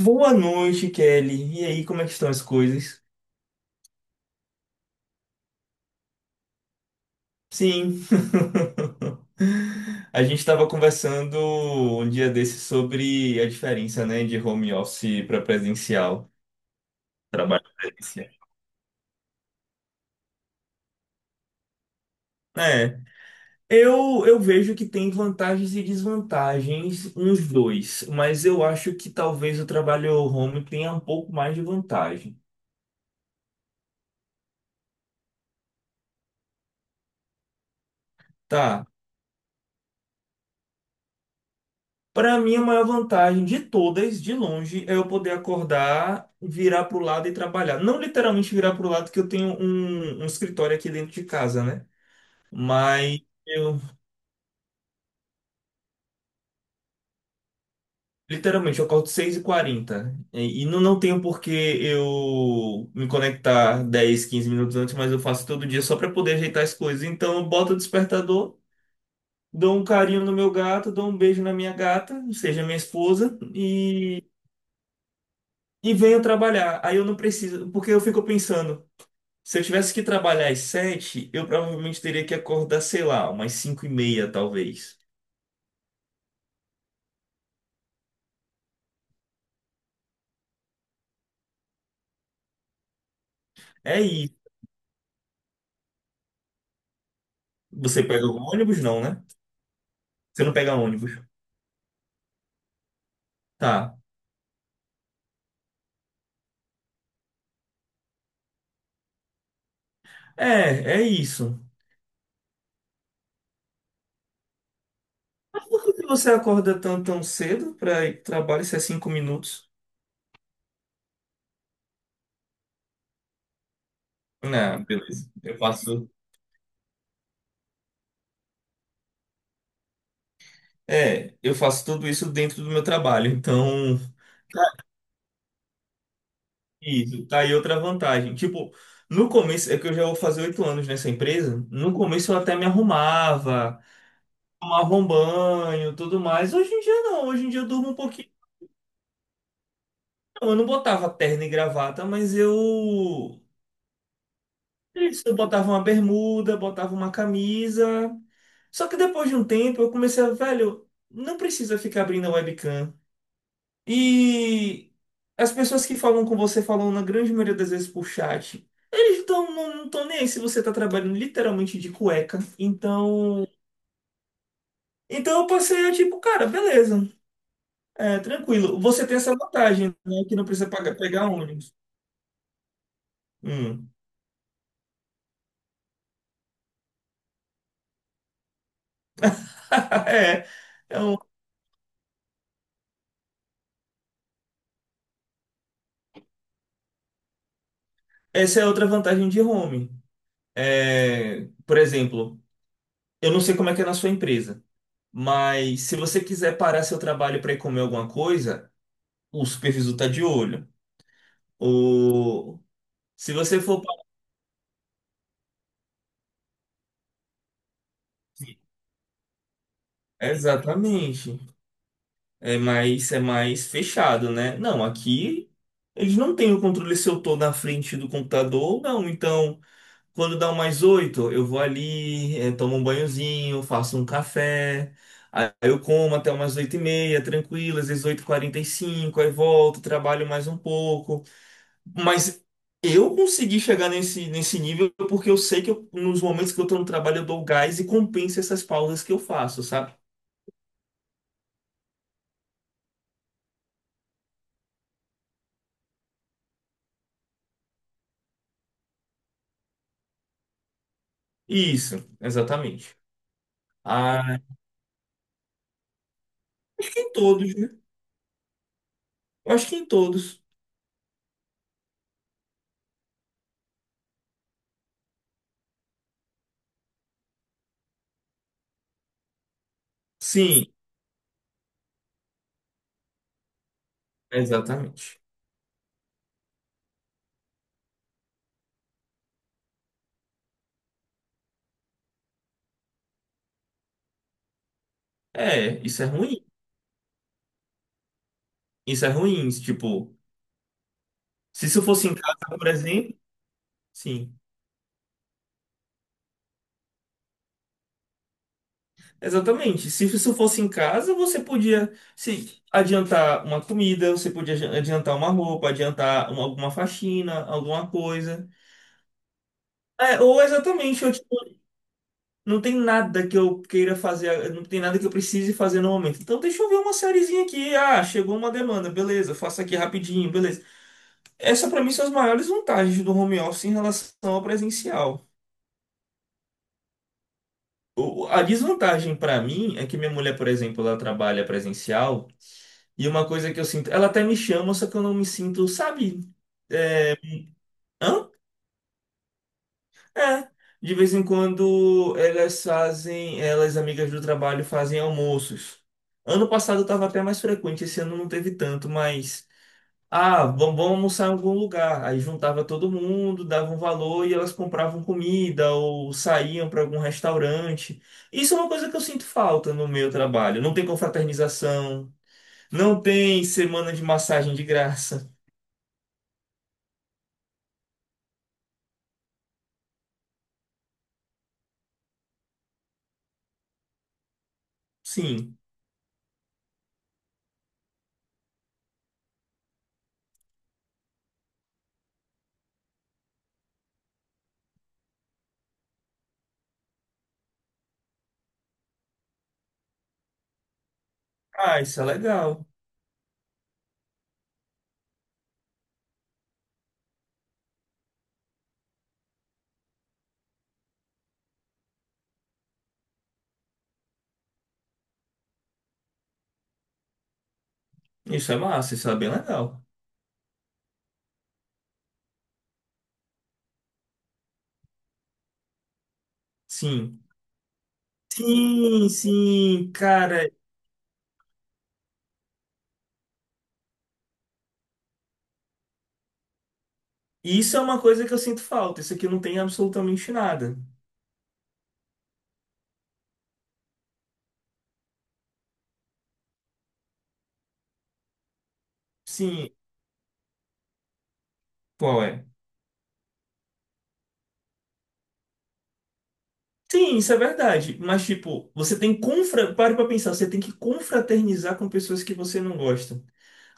Boa noite, Kelly. E aí, como é que estão as coisas? Sim. A gente estava conversando um dia desse sobre a diferença, né, de home office para presencial, trabalho presencial. É, eu vejo que tem vantagens e desvantagens nos dois, mas eu acho que talvez o trabalho home tenha um pouco mais de vantagem. Tá. Para mim, a maior vantagem de todas, de longe, é eu poder acordar, virar pro lado e trabalhar. Não literalmente virar pro lado, que eu tenho um escritório aqui dentro de casa, né? Mas eu, literalmente, eu acordo 6h40. E não tenho por que eu me conectar 10, 15 minutos antes, mas eu faço todo dia só para poder ajeitar as coisas. Então, eu boto o despertador, dou um carinho no meu gato, dou um beijo na minha gata, ou seja minha esposa, e venho trabalhar. Aí eu não preciso, porque eu fico pensando. Se eu tivesse que trabalhar às sete, eu provavelmente teria que acordar, sei lá, umas 5h30, talvez. É isso. Você pega o ônibus? Não, né? Você não pega ônibus. Tá. É, é isso. Mas por que que você acorda tão, tão cedo para ir pro trabalho se é 5 minutos? Não, beleza. Eu faço. É, eu faço tudo isso dentro do meu trabalho. Então, tá isso, tá aí outra vantagem. Tipo, no começo, é que eu já vou fazer 8 anos nessa empresa. No começo eu até me arrumava, tomava um banho, tudo mais. Hoje em dia não, hoje em dia eu durmo um pouquinho. Não, eu não botava terno e gravata, mas eu é isso, eu botava uma bermuda, botava uma camisa. Só que depois de um tempo eu comecei a, velho, não precisa ficar abrindo a webcam. E as pessoas que falam com você falam na grande maioria das vezes por chat. Eles tão, não estão nem aí se você tá trabalhando literalmente de cueca. Então, eu passei a tipo, cara, beleza. É, tranquilo. Você tem essa vantagem, né? Que não precisa pagar, pegar ônibus. Hum. É, essa é outra vantagem de home. É, por exemplo, eu não sei como é que é na sua empresa, mas se você quiser parar seu trabalho para ir comer alguma coisa, o supervisor tá de olho. Ou se você for pra- Exatamente. É mais fechado, né? Não, aqui eles não têm o controle se eu tô na frente do computador ou não. Então. Quando dá umas oito, eu vou ali, tomo um banhozinho, faço um café, aí eu como até umas 8h30, tranquilo, às vezes 8h45, aí volto, trabalho mais um pouco. Mas eu consegui chegar nesse nível porque eu sei que nos momentos que eu tô no trabalho eu dou gás e compensa essas pausas que eu faço, sabe? Isso, exatamente. Ah, acho que em todos, né? Eu acho que em todos. Sim, exatamente. É, isso é ruim. Isso é ruim, tipo. Se isso fosse em casa, por exemplo, sim. Exatamente. Se isso fosse em casa, você podia se adiantar uma comida, você podia adiantar uma roupa, adiantar alguma faxina, alguma coisa. É, ou exatamente, eu, tipo, não tem nada que eu queira fazer, não tem nada que eu precise fazer no momento. Então deixa eu ver uma sériezinha aqui. Ah, chegou uma demanda, beleza, faço aqui rapidinho, beleza. Essa pra mim são as maiores vantagens do home office em relação ao presencial. A desvantagem pra mim é que minha mulher, por exemplo, ela trabalha presencial e uma coisa que eu sinto, ela até me chama, só que eu não me sinto, sabe? Hã? É. De vez em quando elas amigas do trabalho fazem almoços. Ano passado estava até mais frequente, esse ano não teve tanto, mas. Ah, vamos, vamos almoçar em algum lugar. Aí juntava todo mundo, dava um valor e elas compravam comida ou saíam para algum restaurante. Isso é uma coisa que eu sinto falta no meu trabalho. Não tem confraternização, não tem semana de massagem de graça. Sim. Ah, isso é legal. Isso é massa, isso é bem legal. Sim. Sim, sim, cara. Isso é uma coisa que eu sinto falta. Isso aqui não tem absolutamente nada. Sim. Qual é? Sim, isso é verdade. Mas, tipo, você tem que Pare pra pensar, você tem que confraternizar com pessoas que você não gosta.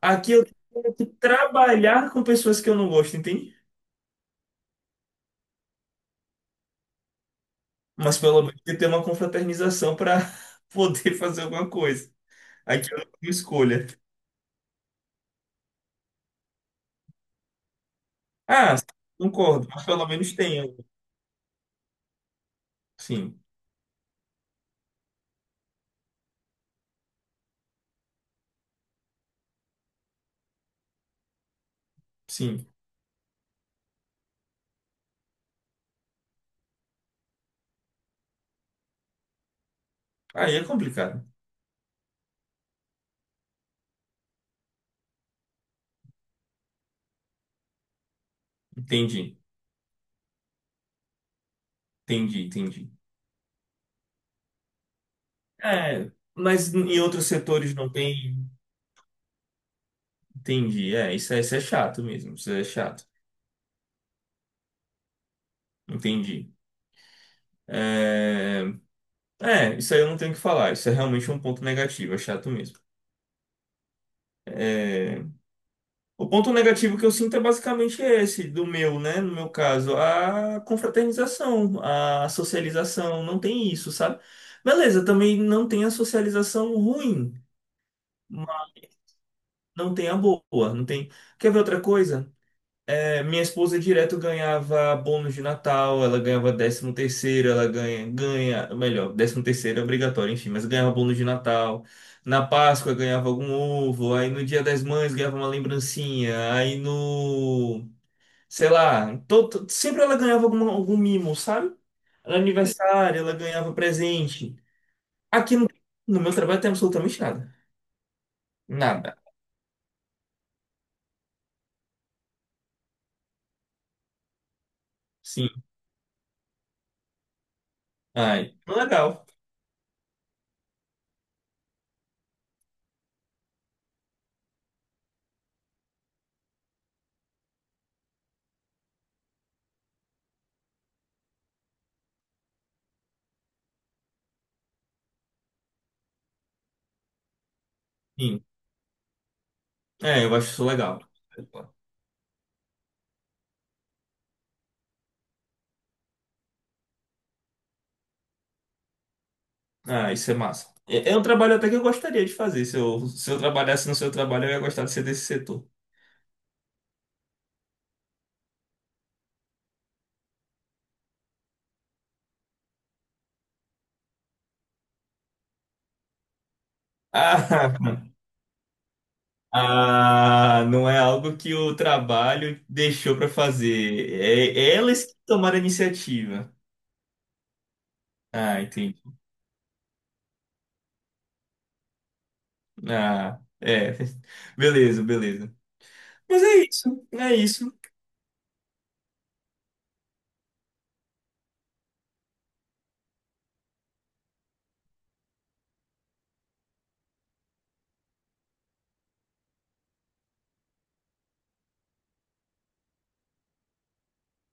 Aqui eu tenho que trabalhar com pessoas que eu não gosto, entende? Mas pelo menos tem que ter uma confraternização para poder fazer alguma coisa. Aqui eu não tenho escolha. Ah, concordo, mas pelo menos tenho. Sim, sim. Aí é complicado. Entendi, entendi, entendi. É, mas em outros setores não tem. Entendi. É, isso é chato mesmo. Isso é chato. Entendi. É, isso aí eu não tenho o que falar. Isso é realmente um ponto negativo, é chato mesmo. É, o ponto negativo que eu sinto é basicamente esse, do meu, né? No meu caso, a confraternização, a socialização, não tem isso, sabe? Beleza, também não tem a socialização ruim, mas não tem a boa, não tem. Quer ver outra coisa? É, minha esposa direto ganhava bônus de Natal, ela ganhava 13º, ela ganha, ganha, melhor, 13º é obrigatório, enfim, mas ganhava bônus de Natal. Na Páscoa ganhava algum ovo, aí no Dia das Mães ganhava uma lembrancinha, aí no, sei lá, todo, sempre ela ganhava alguma, algum mimo, sabe? No aniversário ela ganhava presente. Aqui no meu trabalho tem absolutamente nada. Nada. Sim. Ai, legal. Sim. É, eu acho isso legal. Ah, isso é massa. É um trabalho até que eu gostaria de fazer. Se eu trabalhasse no seu trabalho, eu ia gostar de ser desse setor. Ah, ah, não é algo que o trabalho deixou para fazer. É elas que tomaram a iniciativa. Ah, entendi. Ah, é. Beleza, beleza. Mas é isso, é isso.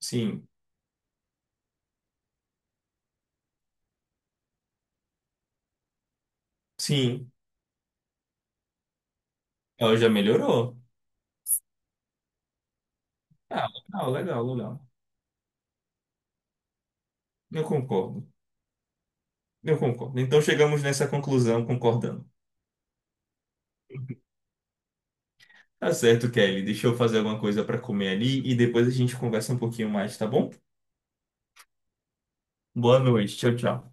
Sim, sim. Ela já melhorou. Ah, legal, legal, legal. Eu concordo, eu concordo. Então chegamos nessa conclusão concordando. Tá certo, Kelly. Deixa eu fazer alguma coisa para comer ali e depois a gente conversa um pouquinho mais, tá bom? Boa noite. Tchau, tchau.